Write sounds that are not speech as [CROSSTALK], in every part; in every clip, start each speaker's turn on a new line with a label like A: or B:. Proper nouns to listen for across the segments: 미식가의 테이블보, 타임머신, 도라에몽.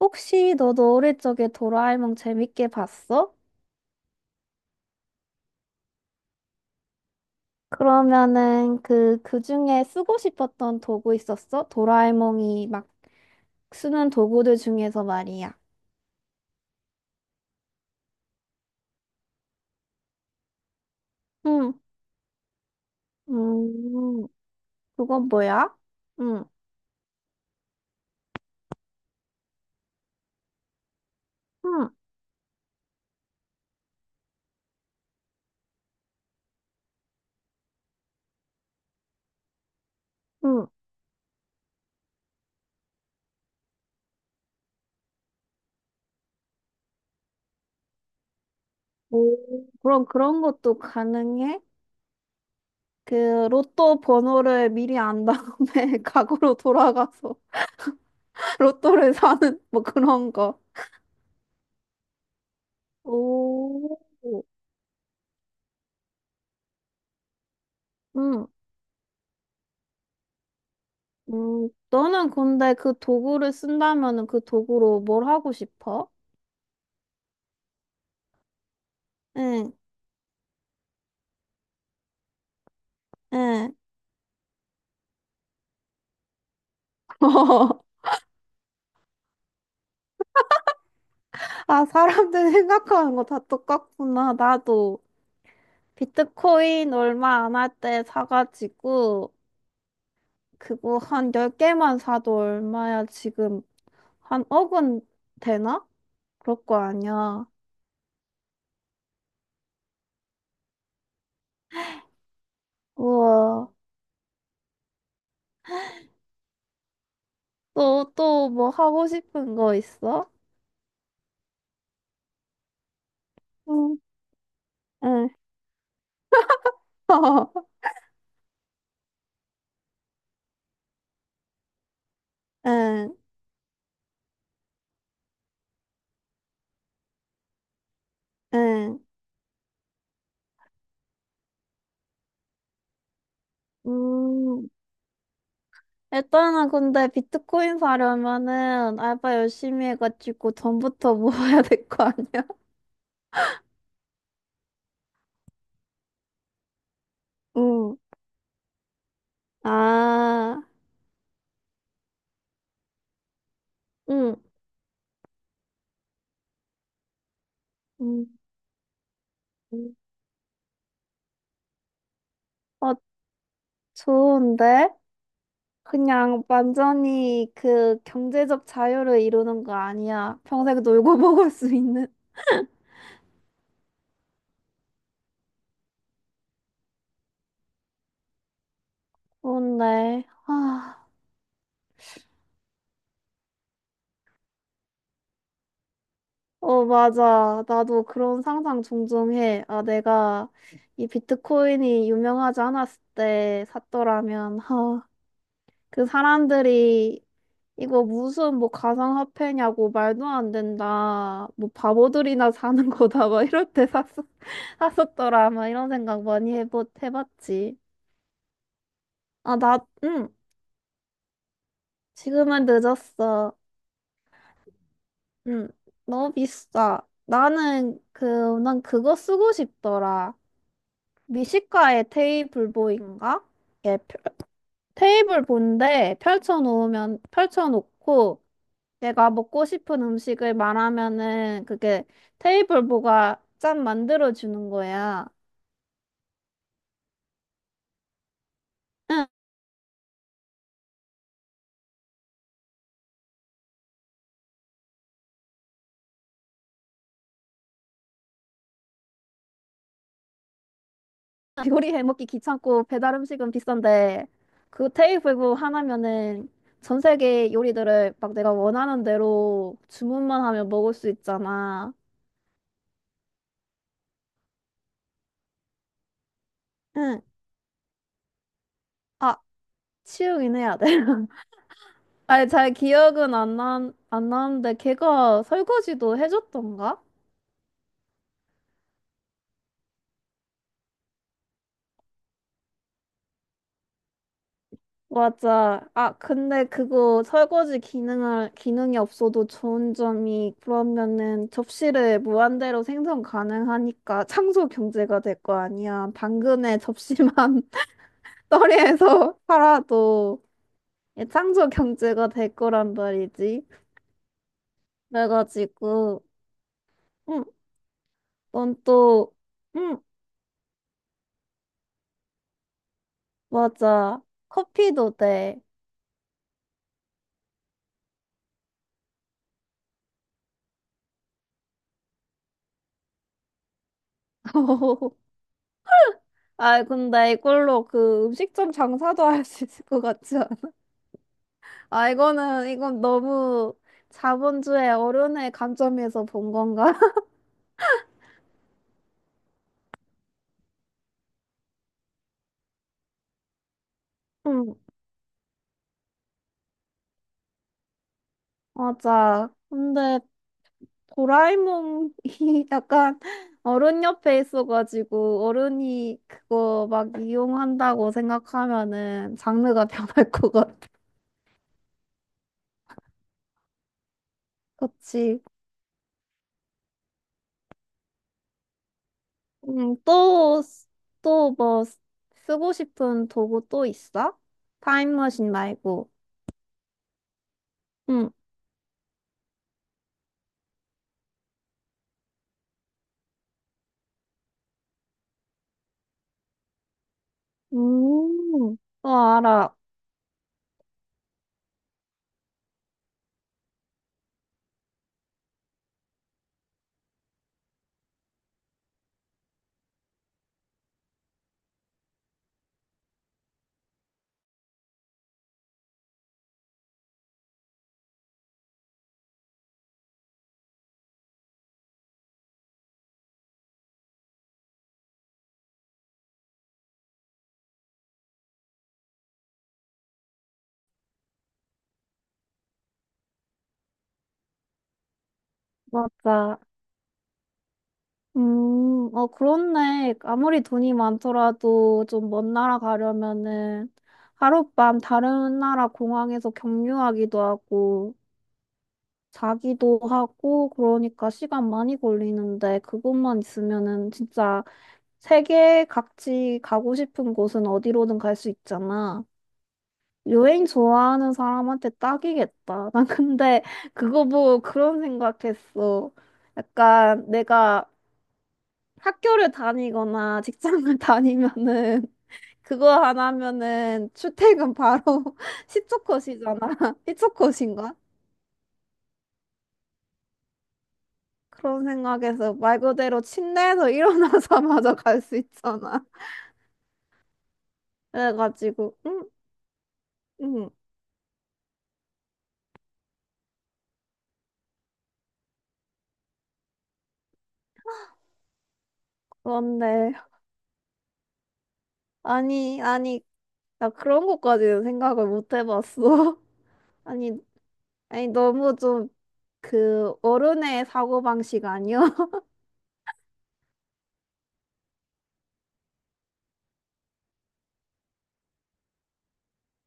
A: 혹시 너도 어릴 적에 도라에몽 재밌게 봤어? 그러면은 그 중에 쓰고 싶었던 도구 있었어? 도라에몽이 막 쓰는 도구들 중에서 말이야. 응. 음, 그건 뭐야? 응, 응, 응. 오, 그럼 그런 것도 가능해? 그 로또 번호를 미리 안 다음에 [LAUGHS] 과거로 돌아가서 [LAUGHS] 로또를 사는 뭐 그런 거. 오, 응. 너는 근데 그 도구를 쓴다면은 그 도구로 뭘 하고 싶어? 응, 응. [LAUGHS] 아, 사람들 생각하는 거 다 똑같구나. 나도 비트코인 얼마 안 할 때 사가지고 그거 한 열개만 사도 얼마야 지금 한 억은 되나? 그럴 거 아니야. 우와. 또, 또 뭐 하고 싶은 거 있어? 응, 응. [LAUGHS] 응, 응. 음. 일단은 근데 비트코인 사려면은 알바 열심히 해가지고 돈부터 [LAUGHS] 모아야 될 거 아니야? [LAUGHS] 응, 아, 응. 응, 응. 어, 좋은데? 그냥 완전히 그 경제적 자유를 이루는 거 아니야. 평생 놀고 [LAUGHS] 먹을 수 있는. 좋은데. 아, 어, 맞아. 나도 그런 상상 종종 해. 아, 내가 이 비트코인이 유명하지 않았을 때 샀더라면, 그 사람들이 이거 무슨 뭐 가상화폐냐고 말도 안 된다. 뭐 바보들이나 사는 [LAUGHS] 거다. 막 이럴 때 [LAUGHS] 샀었더라. 막 이런 생각 많이 해봤지. 아, 나, 응. 지금은 늦었어. 응. 너무 비싸. 나는 그, 난 그거 쓰고 싶더라. 미식가의 테이블보인가? 예, 테이블 본데 펼쳐놓고 내가 먹고 싶은 음식을 말하면은 그게 테이블보가 짠 만들어 주는 거야. 응, [LAUGHS] 요리해 먹기 귀찮고 배달 음식은 비싼데 그 테이블보 하나면은 전 세계 요리들을 막 내가 원하는 대로 주문만 하면 먹을 수 있잖아. 응. 아, 치우긴 해야 돼. [LAUGHS] 아니, 잘 기억은 안 나는데 걔가 설거지도 해줬던가? 맞아. 아, 근데 그거 설거지 기능이 없어도 좋은 점이 그러면은 접시를 무한대로 생성 가능하니까 창조 경제가 될 거 아니야. 당근에 접시만 [LAUGHS] 떨이에서 팔아도 창조 경제가 될 거란 말이지. 그래가지고, 응, 넌 또, 응, 맞아. 커피도 돼. [LAUGHS] 아, 근데 이걸로 그 음식점 장사도 할 수 있을 것 같지 아, 이건 너무 자본주의 어른의 관점에서 본 건가? [LAUGHS] 음, 맞아. 근데 도라에몽이 [LAUGHS] 약간 어른 옆에 있어가지고 어른이 그거 막 이용한다고 생각하면은 장르가 [LAUGHS] 변할 것 같아. 그치. 또, 또 뭐 쓰고 싶은 도구 또 있어? 타임머신 말고. 응. 음, 어, 알아. 맞아. 어, 그렇네. 아무리 돈이 많더라도 좀 먼 나라 가려면은 하룻밤 다른 나라 공항에서 경유하기도 하고 자기도 하고 그러니까 시간 많이 걸리는데 그것만 있으면은 진짜 세계 각지 가고 싶은 곳은 어디로든 갈 수 있잖아. 여행 좋아하는 사람한테 딱이겠다. [LAUGHS] 난 근데 그거 보고 그런 생각했어. 약간 내가 학교를 다니거나 직장을 [LAUGHS] 다니면은 그거 안 하면은 출퇴근 바로 [LAUGHS] 시초컷이잖아. [LAUGHS] 시초컷인가? 그런 생각에서 말 그대로 침대에서 [LAUGHS] 일어나자마자 갈 수 있잖아. 그래가지고 응? 응. 그런데 아니 아니 나 그런 것까지는 생각을 못 해봤어. [LAUGHS] 아니 아니 너무 좀 그 어른의 사고방식 아니야?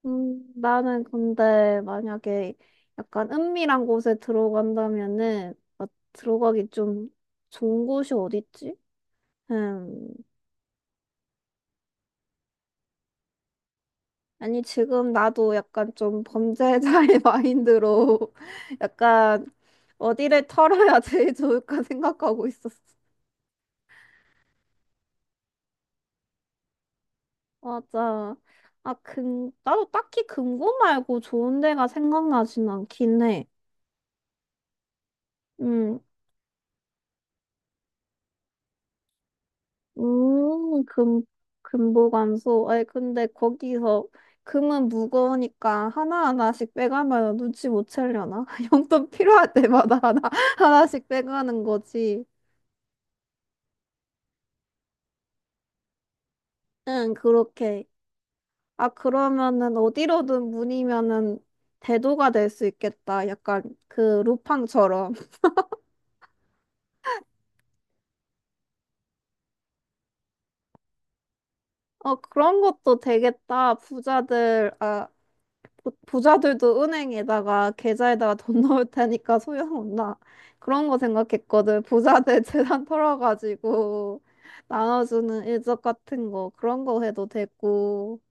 A: 나는 근데 만약에 약간 은밀한 곳에 들어간다면은 어, 들어가기 좀 좋은 곳이 어딨지? 음, 아니 지금 나도 약간 좀 범죄자의 [LAUGHS] 마인드로 약간 어디를 털어야 제일 좋을까 생각하고 있었어. 맞아. 아, 근 나도 딱히 금고 말고 좋은 데가 생각나진 않긴 해. 음, 음, 금, 금보관소. 아니, 근데 거기서 금은 무거우니까 하나하나씩 빼가면 눈치 못 채려나? [LAUGHS] 용돈 필요할 때마다 하나씩 빼가는 거지. 응, 그렇게. 아, 그러면은 어디로든 문이면은 대도가 될 수 있겠다. 약간 그 루팡처럼. [LAUGHS] 어, 그런 것도 되겠다. 부자들도 은행에다가 계좌에다가 돈 [LAUGHS] 넣을 테니까 소용없나. 그런 거 생각했거든. 부자들 [LAUGHS] 재산 털어가지고 나눠주는 일적 같은 거 그런 거 해도 되고.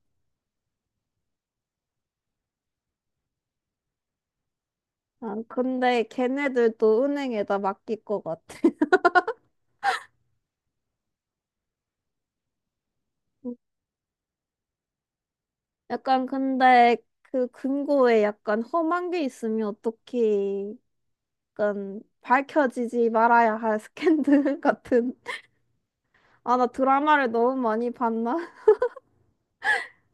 A: 아, 근데 걔네들도 은행에다 맡길 것 같아. [LAUGHS] 약간 근데 그 금고에 약간 험한 게 있으면 어떻게 약간 밝혀지지 말아야 할 스캔들 [LAUGHS] 같은. 아, 나 드라마를 너무 많이 봤나?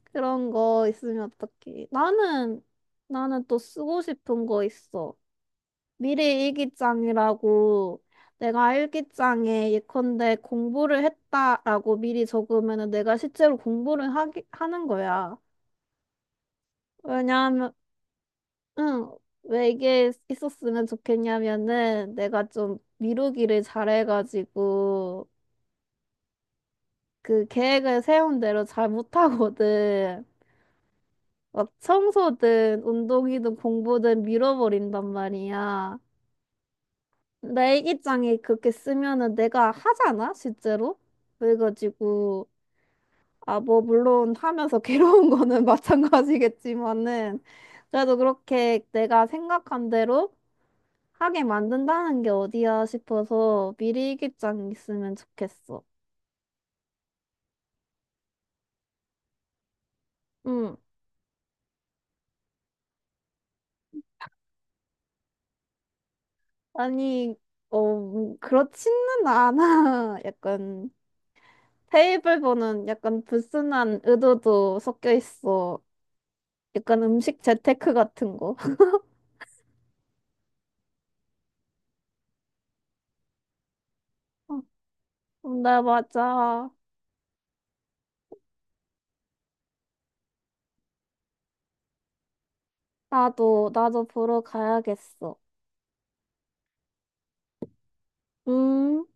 A: 그런 거 있으면 어떡해. 나는 또 쓰고 싶은 거 있어. 미래 일기장이라고 내가 일기장에 예컨대 공부를 했다라고 미리 적으면은 내가 실제로 공부를 하는 거야. 왜냐하면, 응, 왜 이게 있었으면 좋겠냐면은 내가 좀 미루기를 잘해가지고 그 계획을 세운 대로 잘 못하거든. 막 청소든 운동이든 공부든 밀어버린단 말이야. 내 일기장에 그렇게 쓰면은 내가 하잖아, 실제로? 그래가지고, 아, 뭐, 물론 하면서 [LAUGHS] 괴로운 거는 마찬가지겠지만은, 그래도 그렇게 내가 생각한 대로 하게 만든다는 게 어디야 싶어서 미리 일기장 있으면 좋겠어. 응. 아니, 그렇지는 않아. [LAUGHS] 약간. 테이블보는 약간 불순한 의도도 섞여 있어. 약간 음식 재테크 같은 거. [LAUGHS] 어, 네, 맞아. 나도 보러 가야겠어. 음.